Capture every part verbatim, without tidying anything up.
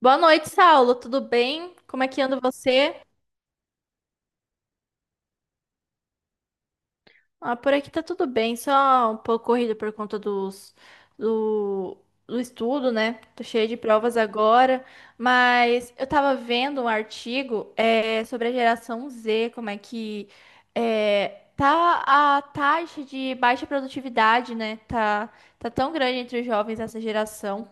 Boa noite, Saulo. Tudo bem? Como é que anda você? Ah, por aqui tá tudo bem, só um pouco corrido por conta dos, do, do estudo, né? Tô cheia de provas agora, mas eu tava vendo um artigo é, sobre a geração zê, como é que é, tá a taxa de baixa produtividade, né? Tá, tá tão grande entre os jovens dessa geração.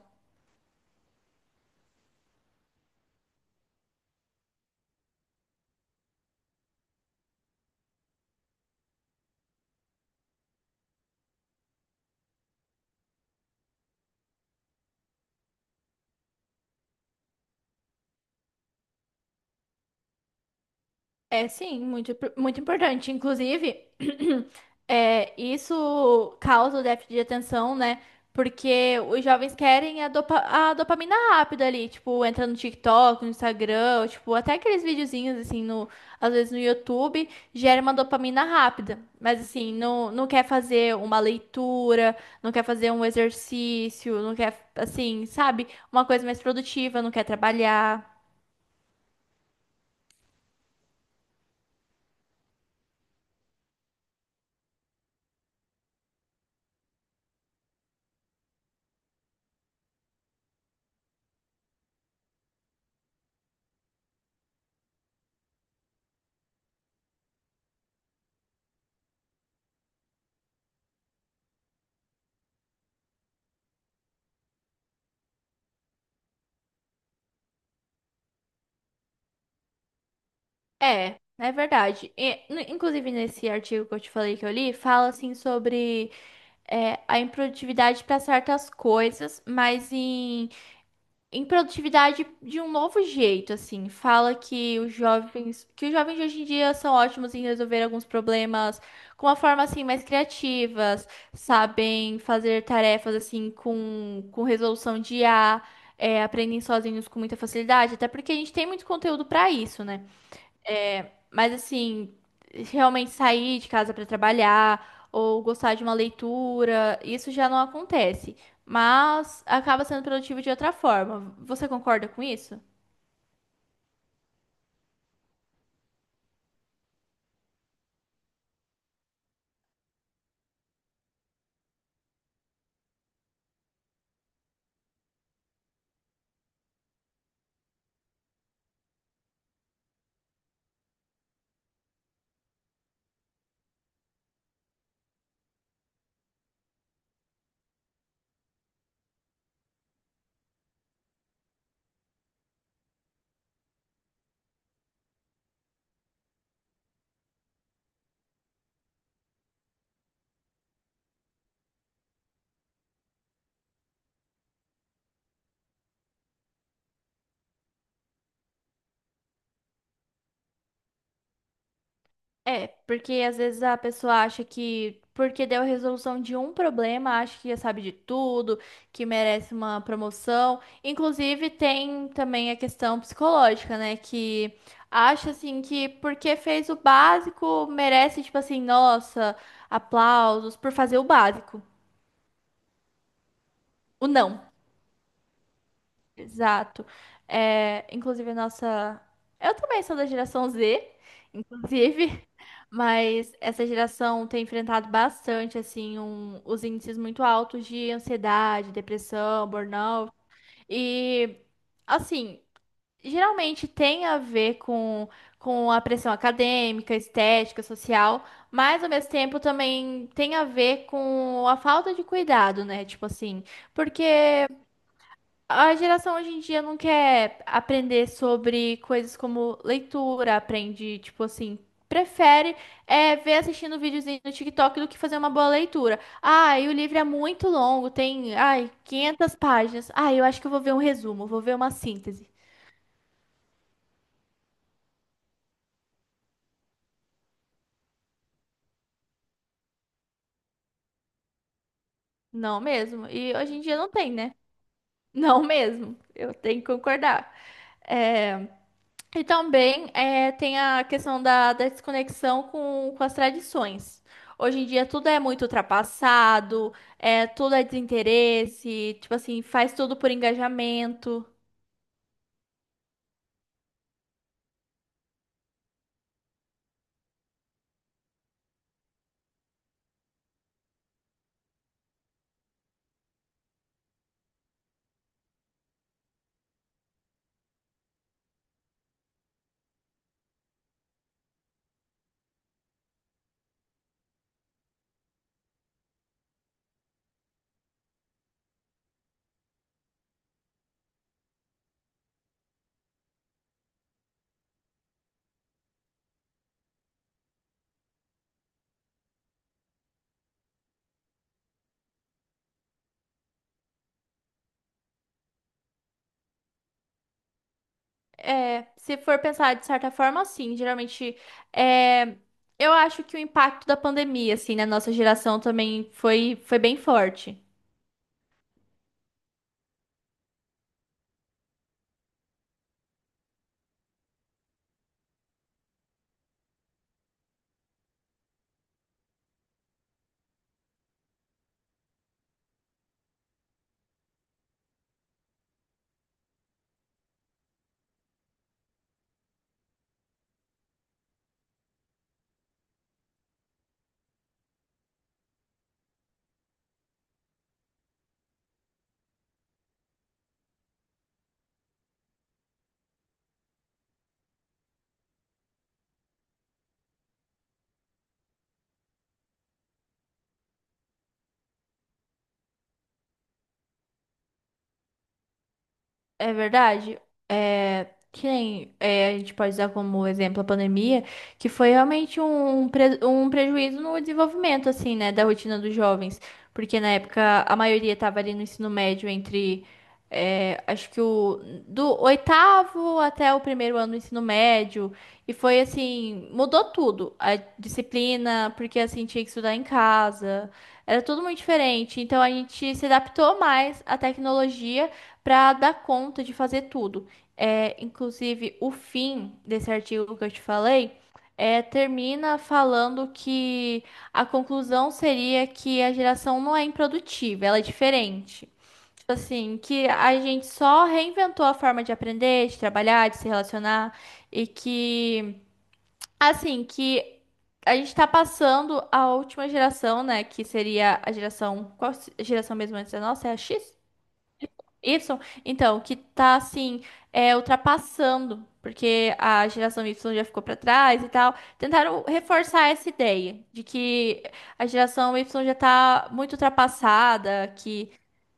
É sim, muito, muito importante. Inclusive, é, isso causa o déficit de atenção, né? Porque os jovens querem a, dopa- a dopamina rápida ali, tipo, entra no TikTok, no Instagram, ou, tipo, até aqueles videozinhos, assim, no, às vezes no YouTube, gera uma dopamina rápida. Mas, assim, não, não quer fazer uma leitura, não quer fazer um exercício, não quer, assim, sabe? Uma coisa mais produtiva, não quer trabalhar. É, é verdade. E, n- inclusive, nesse artigo que eu te falei que eu li, fala assim sobre é, a improdutividade para certas coisas, mas em improdutividade de um novo jeito, assim. Fala que os jovens, que os jovens de hoje em dia são ótimos em resolver alguns problemas com uma forma assim mais criativas, sabem fazer tarefas assim com, com resolução de I A, é, aprendem sozinhos com muita facilidade, até porque a gente tem muito conteúdo para isso, né? Mas assim, realmente sair de casa para trabalhar ou gostar de uma leitura, isso já não acontece. Mas acaba sendo produtivo de outra forma. Você concorda com isso? É, porque às vezes a pessoa acha que porque deu a resolução de um problema, acha que já sabe de tudo, que merece uma promoção. Inclusive, tem também a questão psicológica, né? Que acha assim que porque fez o básico, merece, tipo assim, nossa, aplausos por fazer o básico. O não. Exato. É, inclusive, a nossa. Eu também sou da geração zê, inclusive, mas essa geração tem enfrentado bastante, assim, um- os índices muito altos de ansiedade, depressão, burnout. E, assim, geralmente tem a ver com, com a pressão acadêmica, estética, social, mas ao mesmo tempo também tem a ver com a falta de cuidado, né? Tipo assim, porque. A geração hoje em dia não quer aprender sobre coisas como leitura, aprende, tipo assim, prefere é, ver assistindo videozinho no TikTok do que fazer uma boa leitura. Ah, e o livro é muito longo, tem, ai, quinhentas páginas. Ah, eu acho que eu vou ver um resumo, vou ver uma síntese. Não mesmo. E hoje em dia não tem, né? Não mesmo. Eu tenho que concordar. É, e também eh, tem a questão da, da desconexão com, com as tradições. Hoje em dia tudo é muito ultrapassado, é, tudo é desinteresse, tipo assim, faz tudo por engajamento. É, se for pensar de certa forma, sim, geralmente é, eu acho que o impacto da pandemia, assim, na nossa geração também foi, foi bem forte. É verdade. É, que nem, é, a gente pode usar como exemplo a pandemia, que foi realmente um, um pre- um prejuízo no desenvolvimento, assim, né, da rotina dos jovens. Porque na época a maioria estava ali no ensino médio entre, é, acho que o, do oitavo até o primeiro ano do ensino médio. E foi assim, mudou tudo. A disciplina, porque assim, tinha que estudar em casa. Era tudo muito diferente. Então a gente se adaptou mais à tecnologia para dar conta de fazer tudo. É, inclusive, o fim desse artigo que eu te falei é, termina falando que a conclusão seria que a geração não é improdutiva, ela é diferente. Tipo assim, que a gente só reinventou a forma de aprender, de trabalhar, de se relacionar e que, assim, que a gente está passando a última geração, né? Que seria a geração. Qual geração mesmo antes da nossa? É a xis? i grego, então, que tá assim, é, ultrapassando, porque a geração ípsilon já ficou pra trás e tal. Tentaram reforçar essa ideia de que a geração i grego já tá muito ultrapassada, que,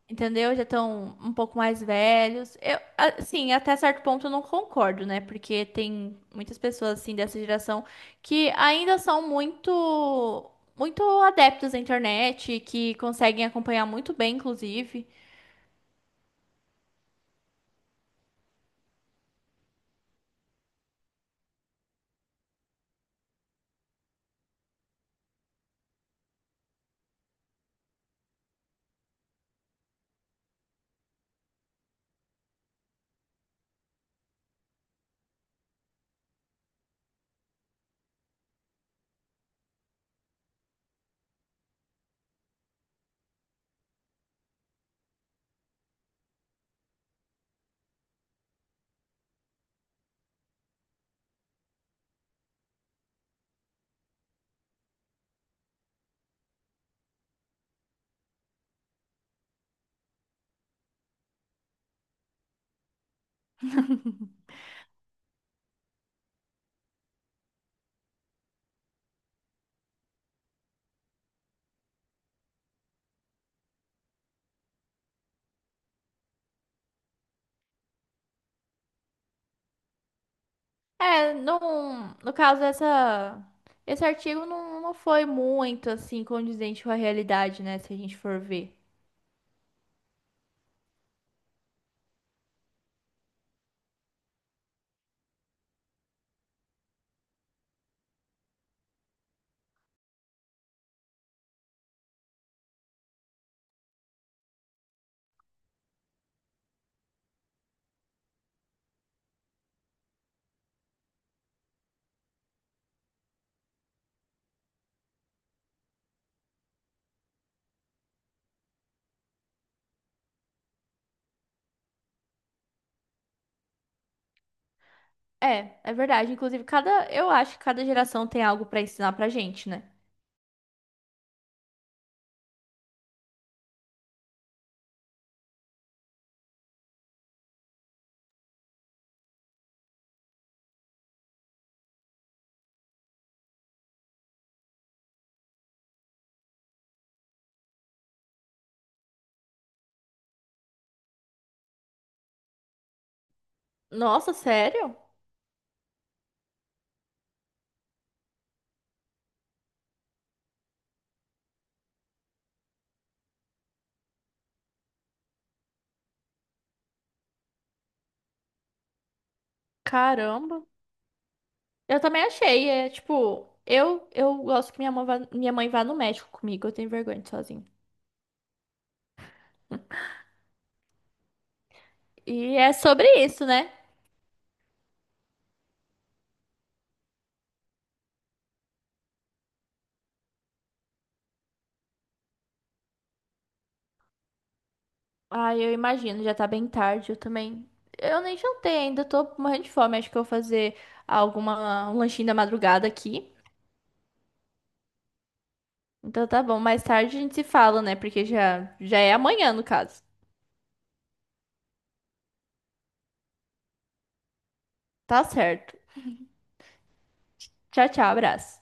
entendeu? Já estão um pouco mais velhos. Eu, assim, até certo ponto eu não concordo, né? Porque tem muitas pessoas assim dessa geração que ainda são muito muito adeptos à internet, que conseguem acompanhar muito bem, inclusive. É, não, no caso essa, esse artigo não, não foi muito assim condizente com a realidade, né, se a gente for ver. É, é verdade. Inclusive, cada, eu acho que cada geração tem algo pra ensinar pra gente, né? Nossa, sério? Caramba. Eu também achei, é tipo, eu eu gosto que minha mãe vá, minha mãe vá no médico comigo, eu tenho vergonha de ir sozinha. E é sobre isso, né? Ah, eu imagino, já tá bem tarde, eu também. Eu nem jantei ainda, tô morrendo de fome. Acho que eu vou fazer alguma, um lanchinho da madrugada aqui. Então tá bom, mais tarde a gente se fala, né? Porque já, já é amanhã, no caso. Tá certo. Tchau, tchau, abraço.